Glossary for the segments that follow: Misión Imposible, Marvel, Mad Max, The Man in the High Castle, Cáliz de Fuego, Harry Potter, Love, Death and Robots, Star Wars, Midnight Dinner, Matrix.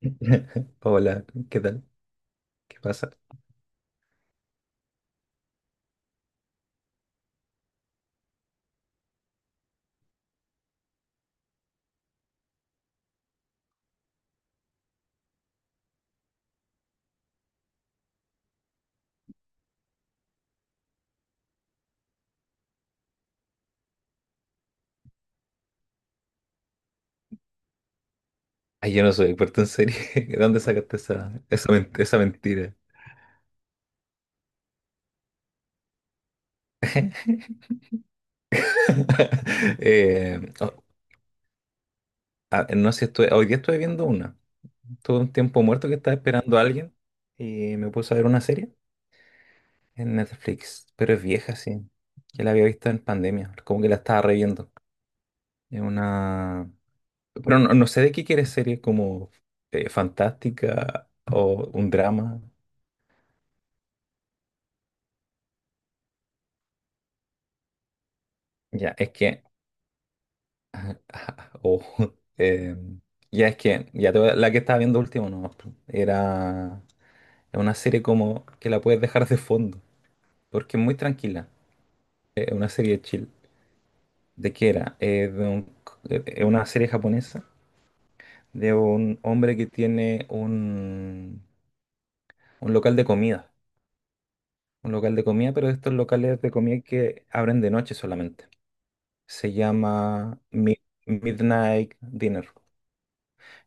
Hola, ¿qué tal? ¿Qué pasa? Ay, yo no soy experto en serie. ¿De dónde sacaste esa mentira? Oh, ah, no sé si hoy día estuve viendo una. Tuve un tiempo muerto que estaba esperando a alguien y me puse a ver una serie en Netflix, pero es vieja, sí. Ya la había visto en pandemia, como que la estaba reviendo. Es una... Pero no, no sé de qué quieres serie, como fantástica o un drama. Ya, es que. Ajá, o eh, ya es que, la que estaba viendo último no, era es una serie como que la puedes dejar de fondo, porque es muy tranquila, es una serie chill. ¿De qué era? Es una serie japonesa de un hombre que tiene un local de comida, un local de comida, pero de estos locales de comida que abren de noche solamente. Se llama Midnight Dinner.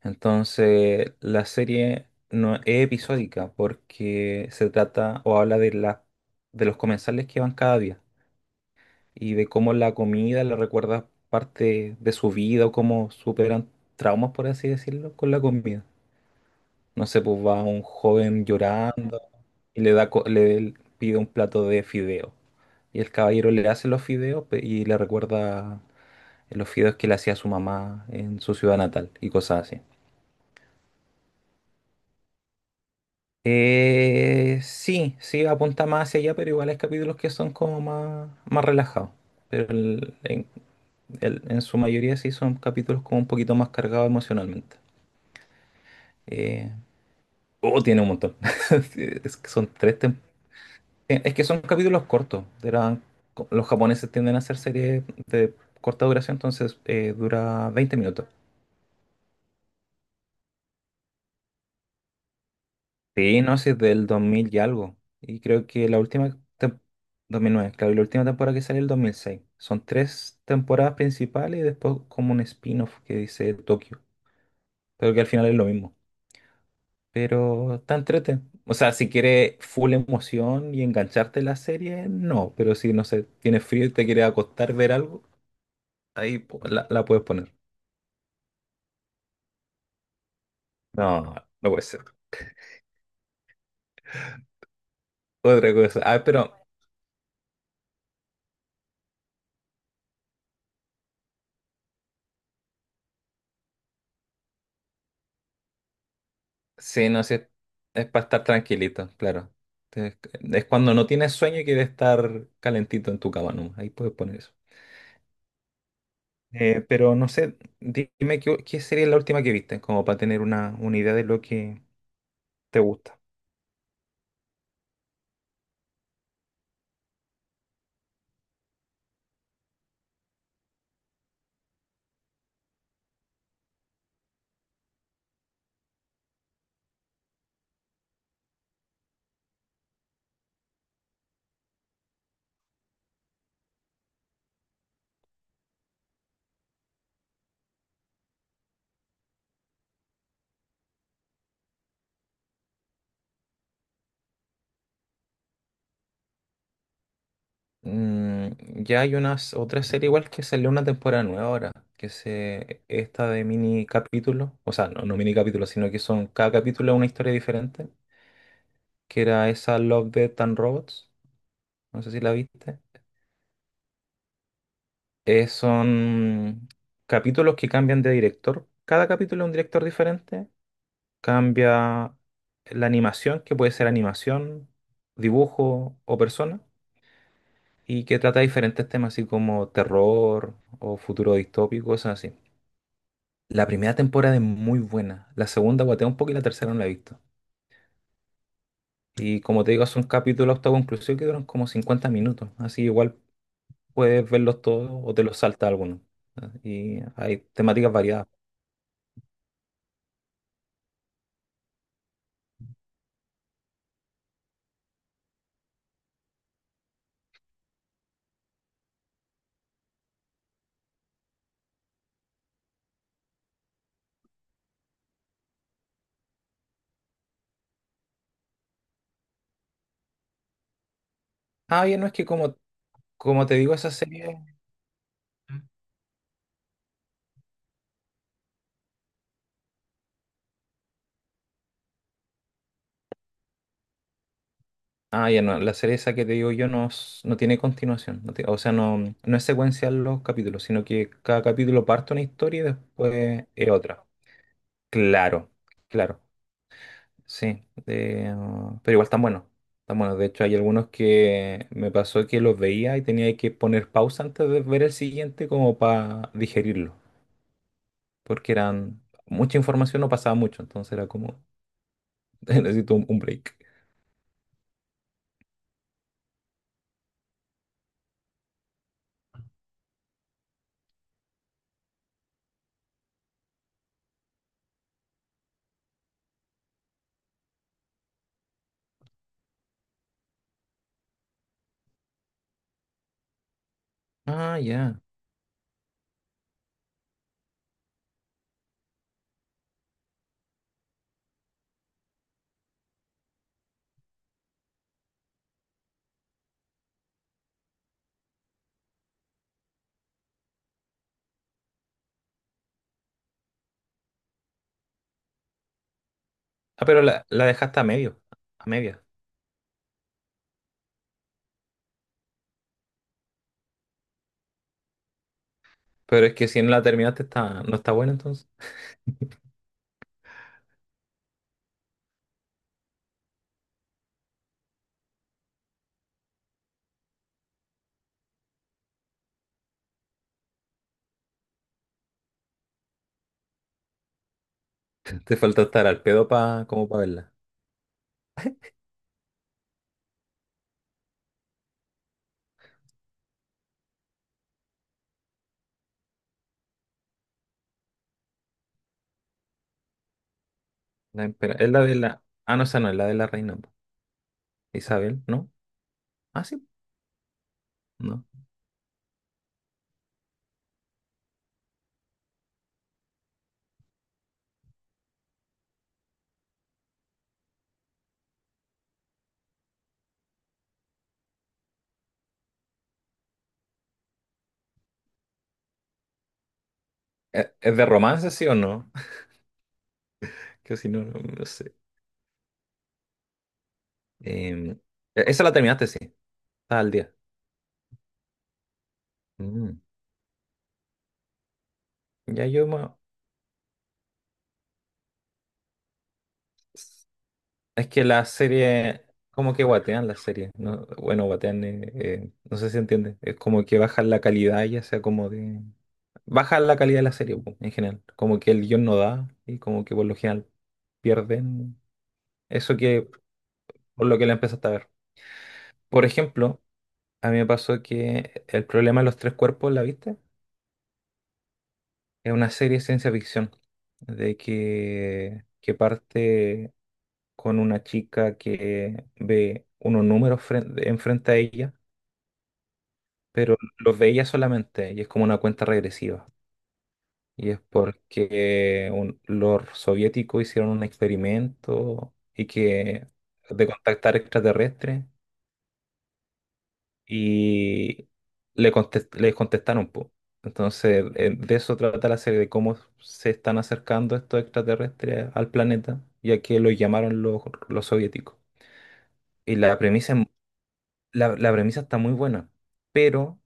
Entonces, la serie no es episódica porque se trata o habla de de los comensales que van cada día y de cómo la comida le recuerda parte de su vida o cómo superan traumas, por así decirlo, con la comida. No sé, pues va un joven llorando y le da, le pide un plato de fideo. Y el caballero le hace los fideos y le recuerda los fideos que le hacía su mamá en su ciudad natal y cosas así. Sí, sí, apunta más hacia allá, pero igual hay capítulos que son como más relajados. Pero el- en, en su mayoría sí son capítulos como un poquito más cargados emocionalmente. Eh, oh, tiene un montón. Sí, Es que son capítulos cortos. Los japoneses tienden a hacer series de corta duración, entonces dura 20 minutos. Sí, no, sí, es del 2000 y algo. Y creo que 2009, claro, y la última temporada que salió el 2006. Son tres temporadas principales y después como un spin-off que dice Tokio. Pero que al final es lo mismo. Pero está entrete. O sea, si quieres full emoción y engancharte en la serie, no. Pero si, no sé, tienes frío y te quieres acostar, ver algo, ahí la puedes poner. No, no puede ser. Otra cosa. Ah, pero sí, no, sí, es para estar tranquilito, claro. Es, es cuando no tienes sueño y quieres estar calentito en tu cama, ¿no? Ahí puedes poner eso. Pero no sé, dime qué sería la última que viste, como para tener una idea de lo que te gusta. Mm, ya hay unas otra serie igual que salió una temporada nueva ahora, que se esta de mini capítulos, o sea, no, no mini capítulos, sino que son cada capítulo es una historia diferente, que era esa Love, Death and Robots, no sé si la viste. Son capítulos que cambian de director. Cada capítulo es un director diferente. Cambia la animación, que puede ser animación, dibujo o persona, y que trata diferentes temas, así como terror o futuro distópico, cosas así. La primera temporada es muy buena. La segunda guatea un poco y la tercera no la he visto. Y como te digo, son capítulos autoconclusivos que duran como 50 minutos. Así igual puedes verlos todos o te los salta alguno. ¿No? Y hay temáticas variadas. Ah, bien, no es que como Como te digo, esa serie... Ah, ya no, la serie esa que te digo yo no, no tiene continuación. O sea, no, no es secuencial los capítulos, sino que cada capítulo parte una historia y después es otra. Claro, claro, sí. Pero igual están buenos. Están buenos. De hecho, hay algunos que me pasó que los veía y tenía que poner pausa antes de ver el siguiente como para digerirlo. Porque eran mucha información, no pasaba mucho, entonces era como, necesito un break. Ah, ya. Ah, pero la dejaste a medio, a media. Pero es que si no la terminaste está, no está buena entonces. Te falta estar al pedo como para verla. Es la de la... Ah, no, esa no, es la de la reina. Po. Isabel, ¿no? Ah, sí, no. Es de romance, sí o no? Que si no, no, no sé. Em, Esa la terminaste, sí. Está al día. Mm, Ya yo más. Es que la serie, como que guatean la serie, ¿no? Bueno, guatean, no sé si entiende. Es como que bajan la calidad, ya sea como de... Bajan la calidad de la serie, po, en general. Como que el guión no da y como que por lo general pierden eso que por lo que la empezaste a ver. Por ejemplo, a mí me pasó que El problema de los tres cuerpos, ¿la viste? Es una serie de ciencia ficción, de que parte con una chica que ve unos números enfrente a ella pero los veía solamente y es como una cuenta regresiva. Y es porque los soviéticos hicieron un experimento y que de contactar extraterrestres y les contestaron, po. Entonces, de eso trata la serie, de cómo se están acercando estos extraterrestres al planeta, ya que lo llamaron los soviéticos. Y la premisa, la premisa está muy buena, pero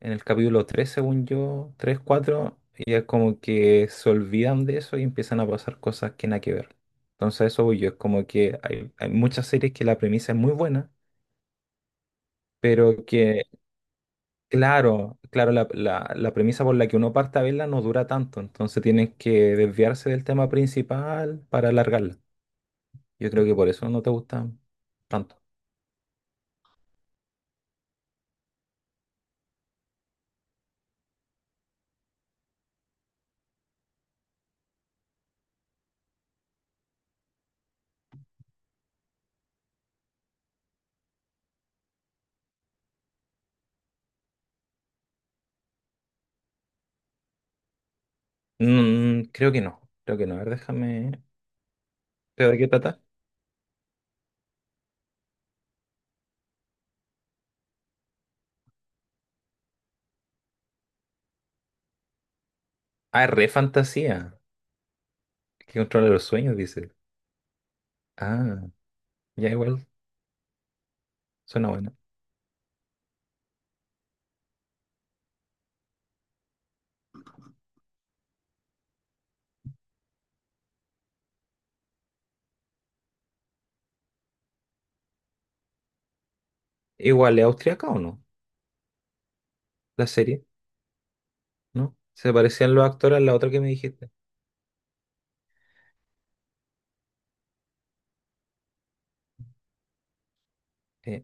en el capítulo 3, según yo, 3 4, ya como que se olvidan de eso y empiezan a pasar cosas que nada que ver. Entonces a eso voy yo, es como que hay muchas series que la premisa es muy buena, pero que, claro, claro, la premisa por la que uno parte a verla no dura tanto, entonces tienes que desviarse del tema principal para alargarla. Yo creo que por eso no te gusta tanto. Creo que no, creo que no. A ver, déjame... ¿Pero de qué trata? Ah, es re fantasía. Que controla los sueños, dice. Ah. Ya igual, suena buena. Igual, ¿es austriaca o no? La serie, ¿no? Se parecían los actores a la otra que me dijiste. Eh,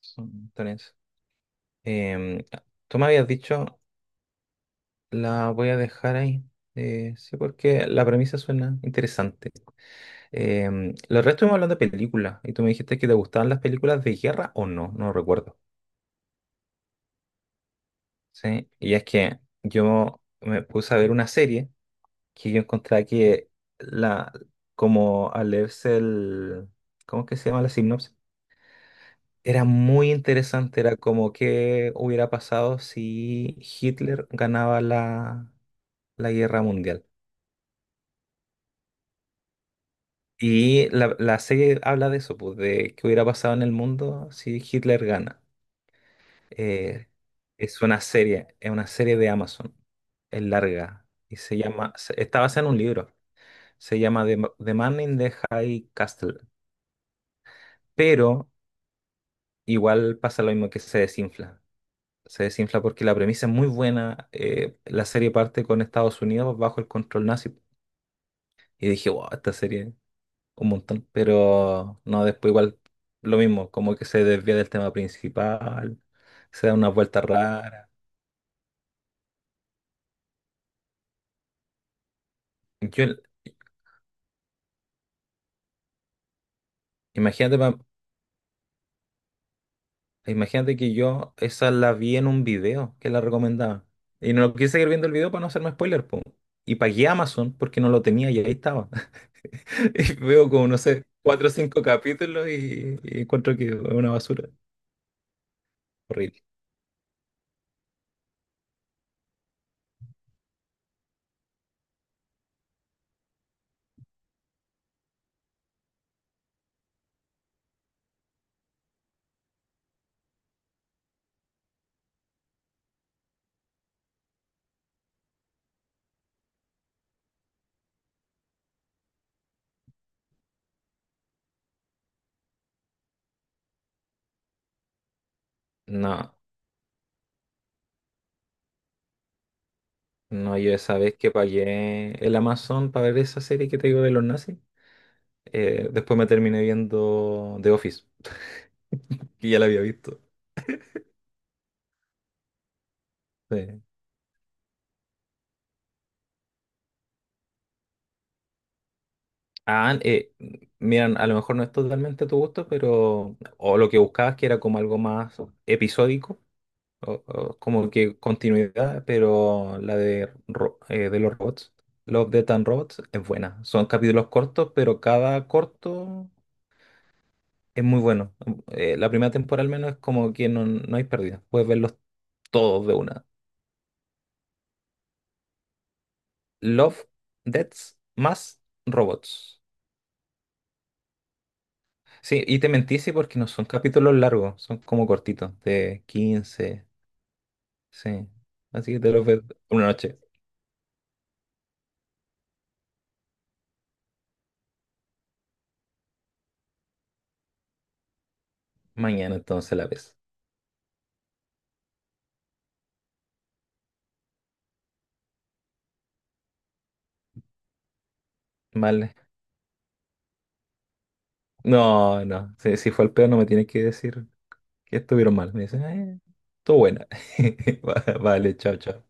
Son italianos. Em, Tú me habías dicho, la voy a dejar ahí. Sí, porque la premisa suena interesante. Los restos estuvimos hablando de películas y tú me dijiste que te gustaban las películas de guerra o no, no recuerdo. Sí, y es que yo me puse a ver una serie que yo encontré que la, como al leerse el, ¿cómo es que se llama la sinopsis? Era muy interesante, era como qué hubiera pasado si Hitler ganaba la guerra mundial. Y la serie habla de eso, pues, de qué hubiera pasado en el mundo si Hitler gana. Eh, es una serie de Amazon, es larga, y está basada en un libro, se llama The Man in the High Castle, pero igual pasa lo mismo que se desinfla. Se desinfla porque la premisa es muy buena. La serie parte con Estados Unidos bajo el control nazi. Y dije, wow, esta serie, un montón. Pero no, después igual lo mismo, como que se desvía del tema principal, se da una vuelta rara. Yo, Imagínate, imagínate que yo esa la vi en un video que la recomendaba. Y no quise seguir viendo el video para no hacerme spoiler, po. Y pagué Amazon porque no lo tenía y ahí estaba. Veo como, no sé, cuatro o cinco capítulos y, encuentro que es una basura. Horrible. No, no, yo esa vez que pagué el Amazon para ver esa serie que te digo de los nazis, después me terminé viendo The Office, que ya la había visto. Sí. Ah, miran, a lo mejor no es totalmente tu gusto, pero o lo que buscabas que era como algo más episódico, o como que continuidad, pero de los robots, Love, Death and Robots, es buena. Son capítulos cortos, pero cada corto es muy bueno. La primera temporada al menos es como que no, no hay pérdida. Puedes verlos todos de una. Love, Deaths más Robots. Sí, y te mentí, sí, porque no son capítulos largos, son como cortitos, de 15 sí. Así que te los ves una noche. Mañana entonces la ves. Vale. No, no. Si, si fue el peor, no me tienes que decir que estuvieron mal. Me dicen, todo buena. Vale, chao, chao.